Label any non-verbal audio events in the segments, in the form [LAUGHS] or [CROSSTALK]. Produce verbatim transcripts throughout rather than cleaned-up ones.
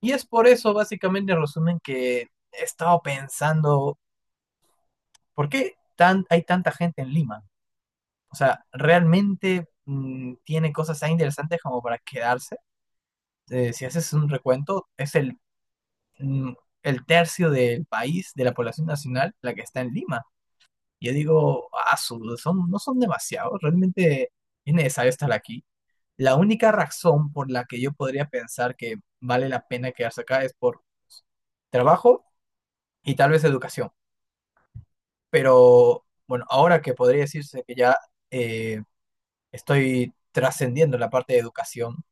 Y es por eso, básicamente, en resumen, que he estado pensando, ¿por qué tan, hay tanta gente en Lima? O sea, ¿realmente mm, tiene cosas tan interesantes como para quedarse? Eh, si haces un recuento, es el, mm, el tercio del país, de la población nacional, la que está en Lima. Yo digo, ah, su- son, no son demasiados, realmente es necesario estar aquí. La única razón por la que yo podría pensar que vale la pena quedarse acá es por trabajo y tal vez educación. Pero bueno, ahora que podría decirse que ya eh, estoy trascendiendo la parte de educación,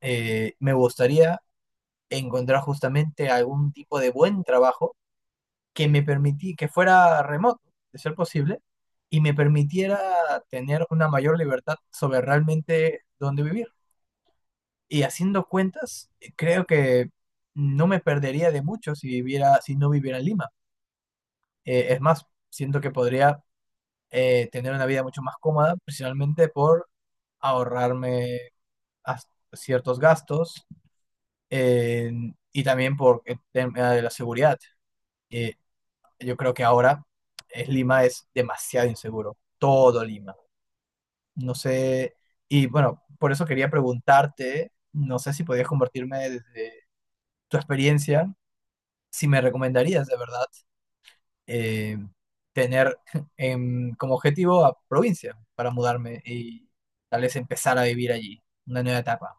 eh, me gustaría encontrar justamente algún tipo de buen trabajo que me permití que fuera remoto, de ser posible, y me permitiera tener una mayor libertad sobre realmente dónde vivir. Y haciendo cuentas, eh, creo que no me perdería de mucho si viviera, si no viviera en Lima. Eh, es más, siento que podría eh, tener una vida mucho más cómoda, principalmente por ahorrarme as- ciertos gastos, eh, y también por el tema de la seguridad. Eh, yo creo que ahora es- Lima es demasiado inseguro, todo Lima. No sé, y bueno, por eso quería preguntarte, no sé si podías compartirme desde tu experiencia, si me recomendarías de verdad, eh, tener [LAUGHS] em, como objetivo a provincia para mudarme y tal vez empezar a vivir allí, una nueva etapa.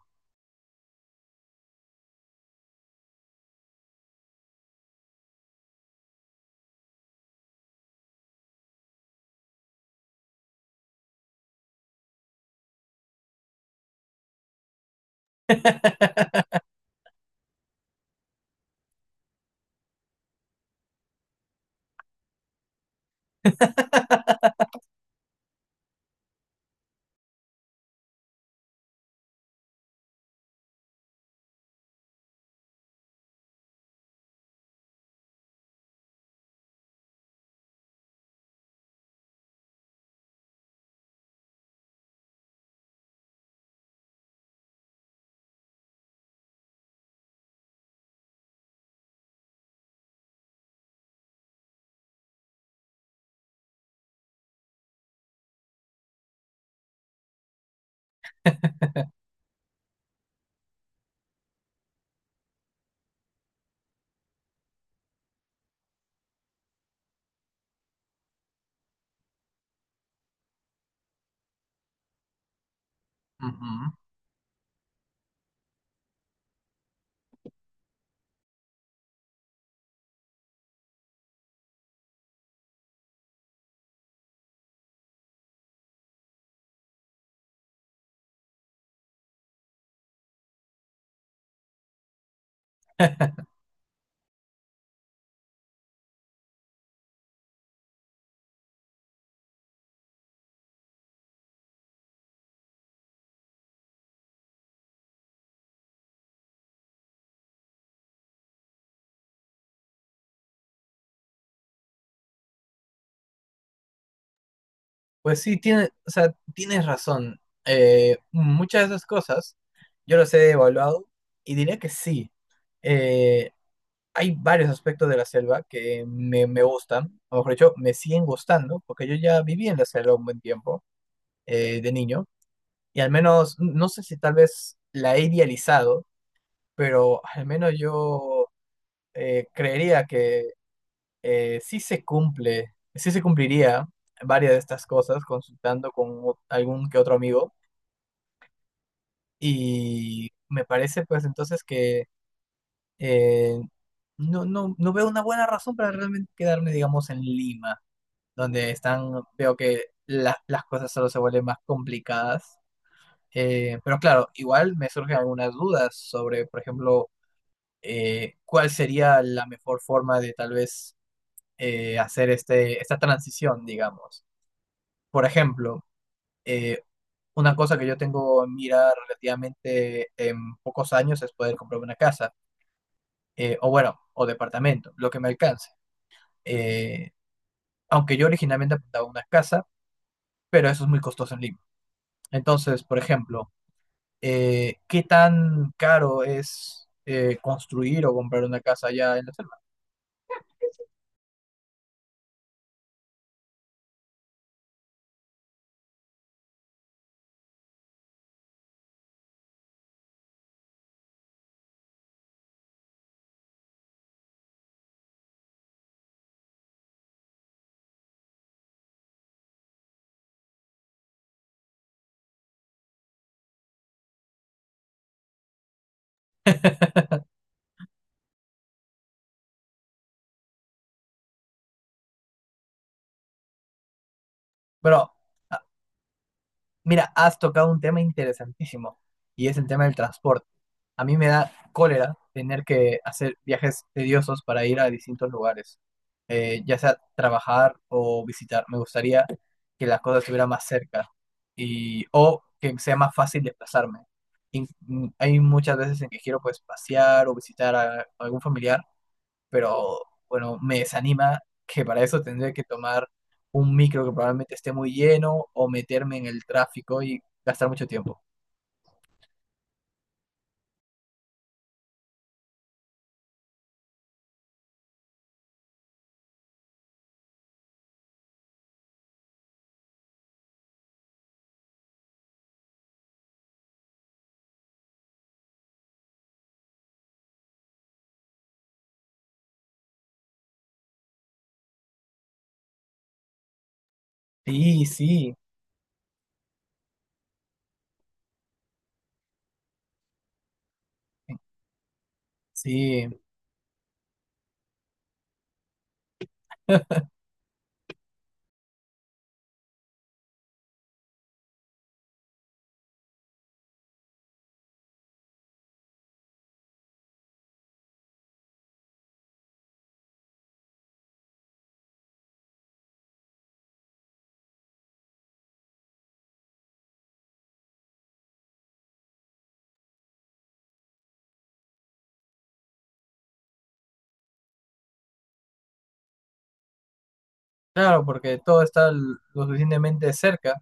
[LAUGHS] Ujú. Pues sí, tiene, o sea, tienes razón. Eh, muchas de esas cosas yo las he evaluado y diría que sí. Eh, hay varios aspectos de la selva que me, me gustan, o mejor dicho, me siguen gustando, porque yo ya viví en la selva un buen tiempo, eh, de niño, y al menos, no sé si tal vez la he idealizado, pero al menos yo eh, creería que eh, sí se cumple, sí se cumpliría varias de estas cosas consultando con o- algún que otro amigo, y me parece pues entonces que, eh, no, no, no veo una buena razón para realmente quedarme, digamos, en Lima, donde están, veo que la- las cosas solo se vuelven más complicadas. Eh, pero claro, igual me surgen algunas dudas sobre, por ejemplo, eh, cuál sería la mejor forma de tal vez eh, hacer este, esta transición, digamos. Por ejemplo, eh, una cosa que yo tengo en mira relativamente en pocos años es poder comprarme una casa, eh, o bueno, o departamento, lo que me alcance. Eh, aunque yo originalmente apuntaba a una casa, pero eso es muy costoso en Lima. Entonces, por ejemplo, eh, ¿qué tan caro es eh, construir o comprar una casa allá en la selva? Pero, ah, mira, has tocado un tema interesantísimo, y es el tema del transporte. A mí me da cólera tener que hacer viajes tediosos para ir a distintos lugares, eh, ya sea trabajar o visitar. Me gustaría que las cosas estuvieran más cerca y o que sea más fácil desplazarme. Y, mm, hay muchas veces en que quiero pues pasear o visitar a algún familiar, pero bueno, me desanima que para eso tendré que tomar un micro que probablemente esté muy lleno o meterme en el tráfico y gastar mucho tiempo. Sí, sí, sí. Claro, porque todo está l- lo suficientemente cerca.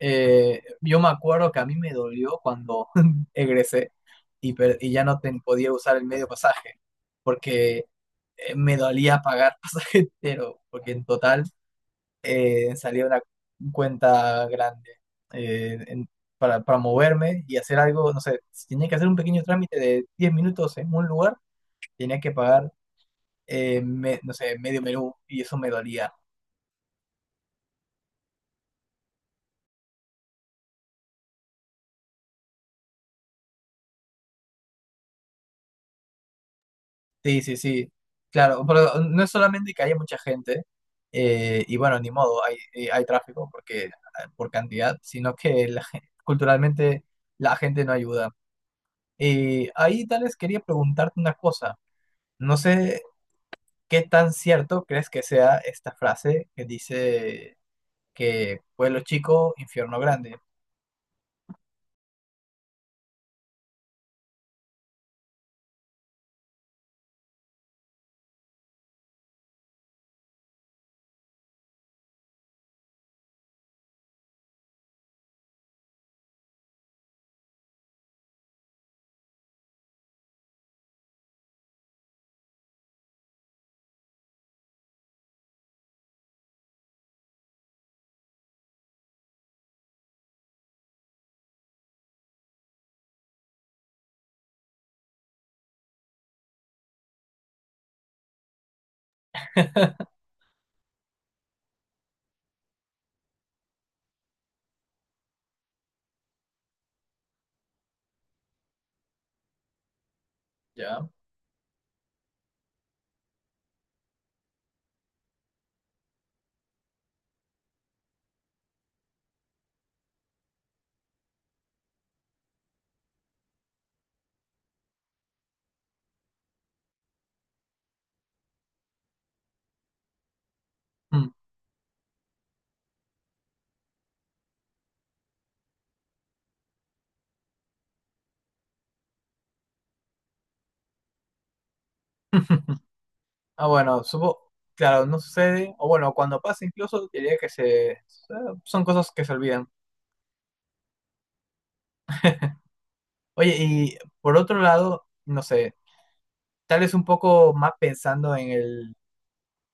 Eh, yo me acuerdo que a mí me dolió cuando [LAUGHS] egresé y, per- y ya no ten- podía usar el medio pasaje, porque eh, me dolía pagar [LAUGHS] pasaje entero, porque en total eh, salía una cuenta grande, eh, en- para, para moverme y hacer algo, no sé, si tenía que hacer un pequeño trámite de diez minutos en un lugar, tenía que pagar, eh, me- no sé, medio menú, y eso me dolía. Sí, sí, sí, claro, pero no es solamente que haya mucha gente, eh, y bueno, ni modo, hay, eh, hay tráfico porque, ah, por cantidad, sino que la gen- culturalmente la gente no ayuda. Y ahí tal vez quería preguntarte una cosa, no sé qué tan cierto crees que sea esta frase que dice que pueblo chico, infierno grande. Ya. Mm. [LAUGHS] Ah, bueno, supo, claro, no sucede, o bueno, cuando pasa incluso diría que se, son cosas que se olvidan. Oye, y por otro lado, no sé, tal vez un poco más pensando en el,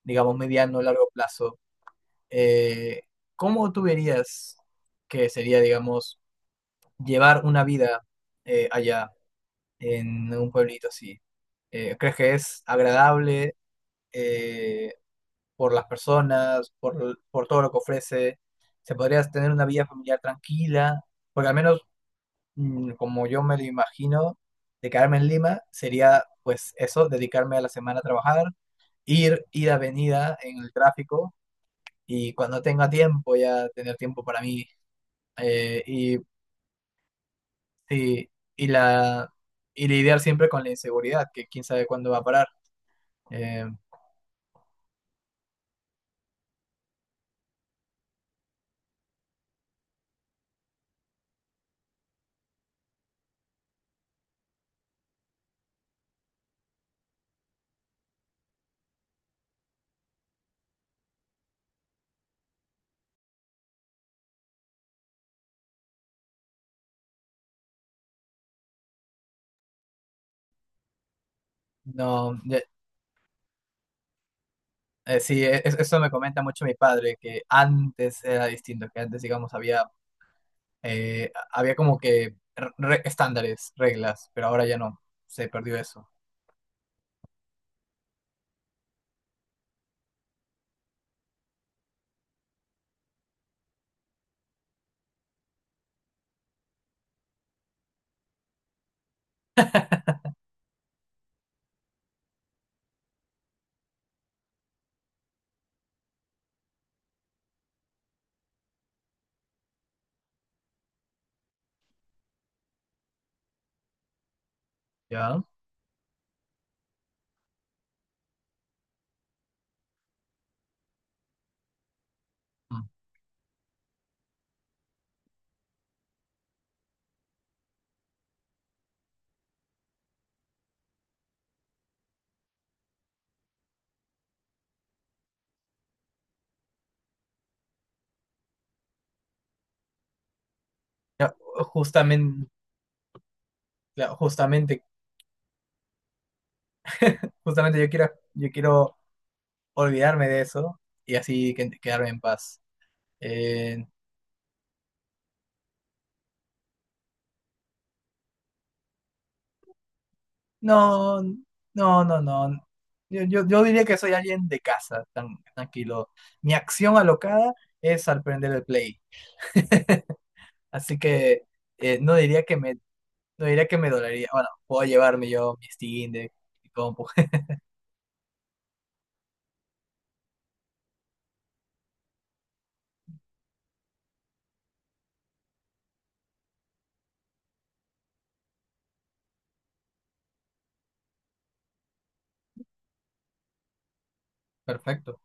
digamos, mediano o largo plazo, eh, ¿cómo tú verías que sería, digamos, llevar una vida eh, allá, en un pueblito así? Eh, ¿crees que es agradable eh, por las personas, por, por todo lo que ofrece? ¿Se podría tener una vida familiar tranquila? Porque al menos, mm, como yo me lo imagino, de quedarme en Lima sería pues eso, dedicarme a la semana a trabajar, ir, ida, venida en el tráfico, y cuando tenga tiempo ya tener tiempo para mí, eh, y, y, y la, y lidiar siempre con la inseguridad, que quién sabe cuándo va a parar. Eh, no, ya- eh, sí, e- es- eso me comenta mucho mi padre, que antes era distinto, que antes digamos había, eh, había como que re- re- estándares, reglas, pero ahora ya no, se perdió eso. Ya. Mm. No, justamente, justamente, justamente yo quiero, yo quiero olvidarme de eso y así que- quedarme en paz. Eh, no, no, no, no. Yo, yo, yo diría que soy alguien de casa, tan, tranquilo. Mi acción alocada es al prender el play. [LAUGHS] Así que eh, no diría que me, no diría que me dolería. Bueno, puedo llevarme yo mi Steam de mi compu. [LAUGHS] Perfecto.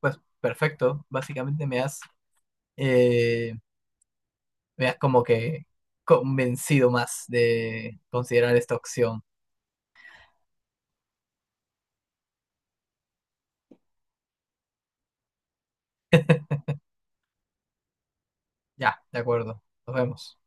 Pues perfecto. Básicamente me has eh, me has como que convencido más de considerar esta opción. Ya, de acuerdo. Nos vemos.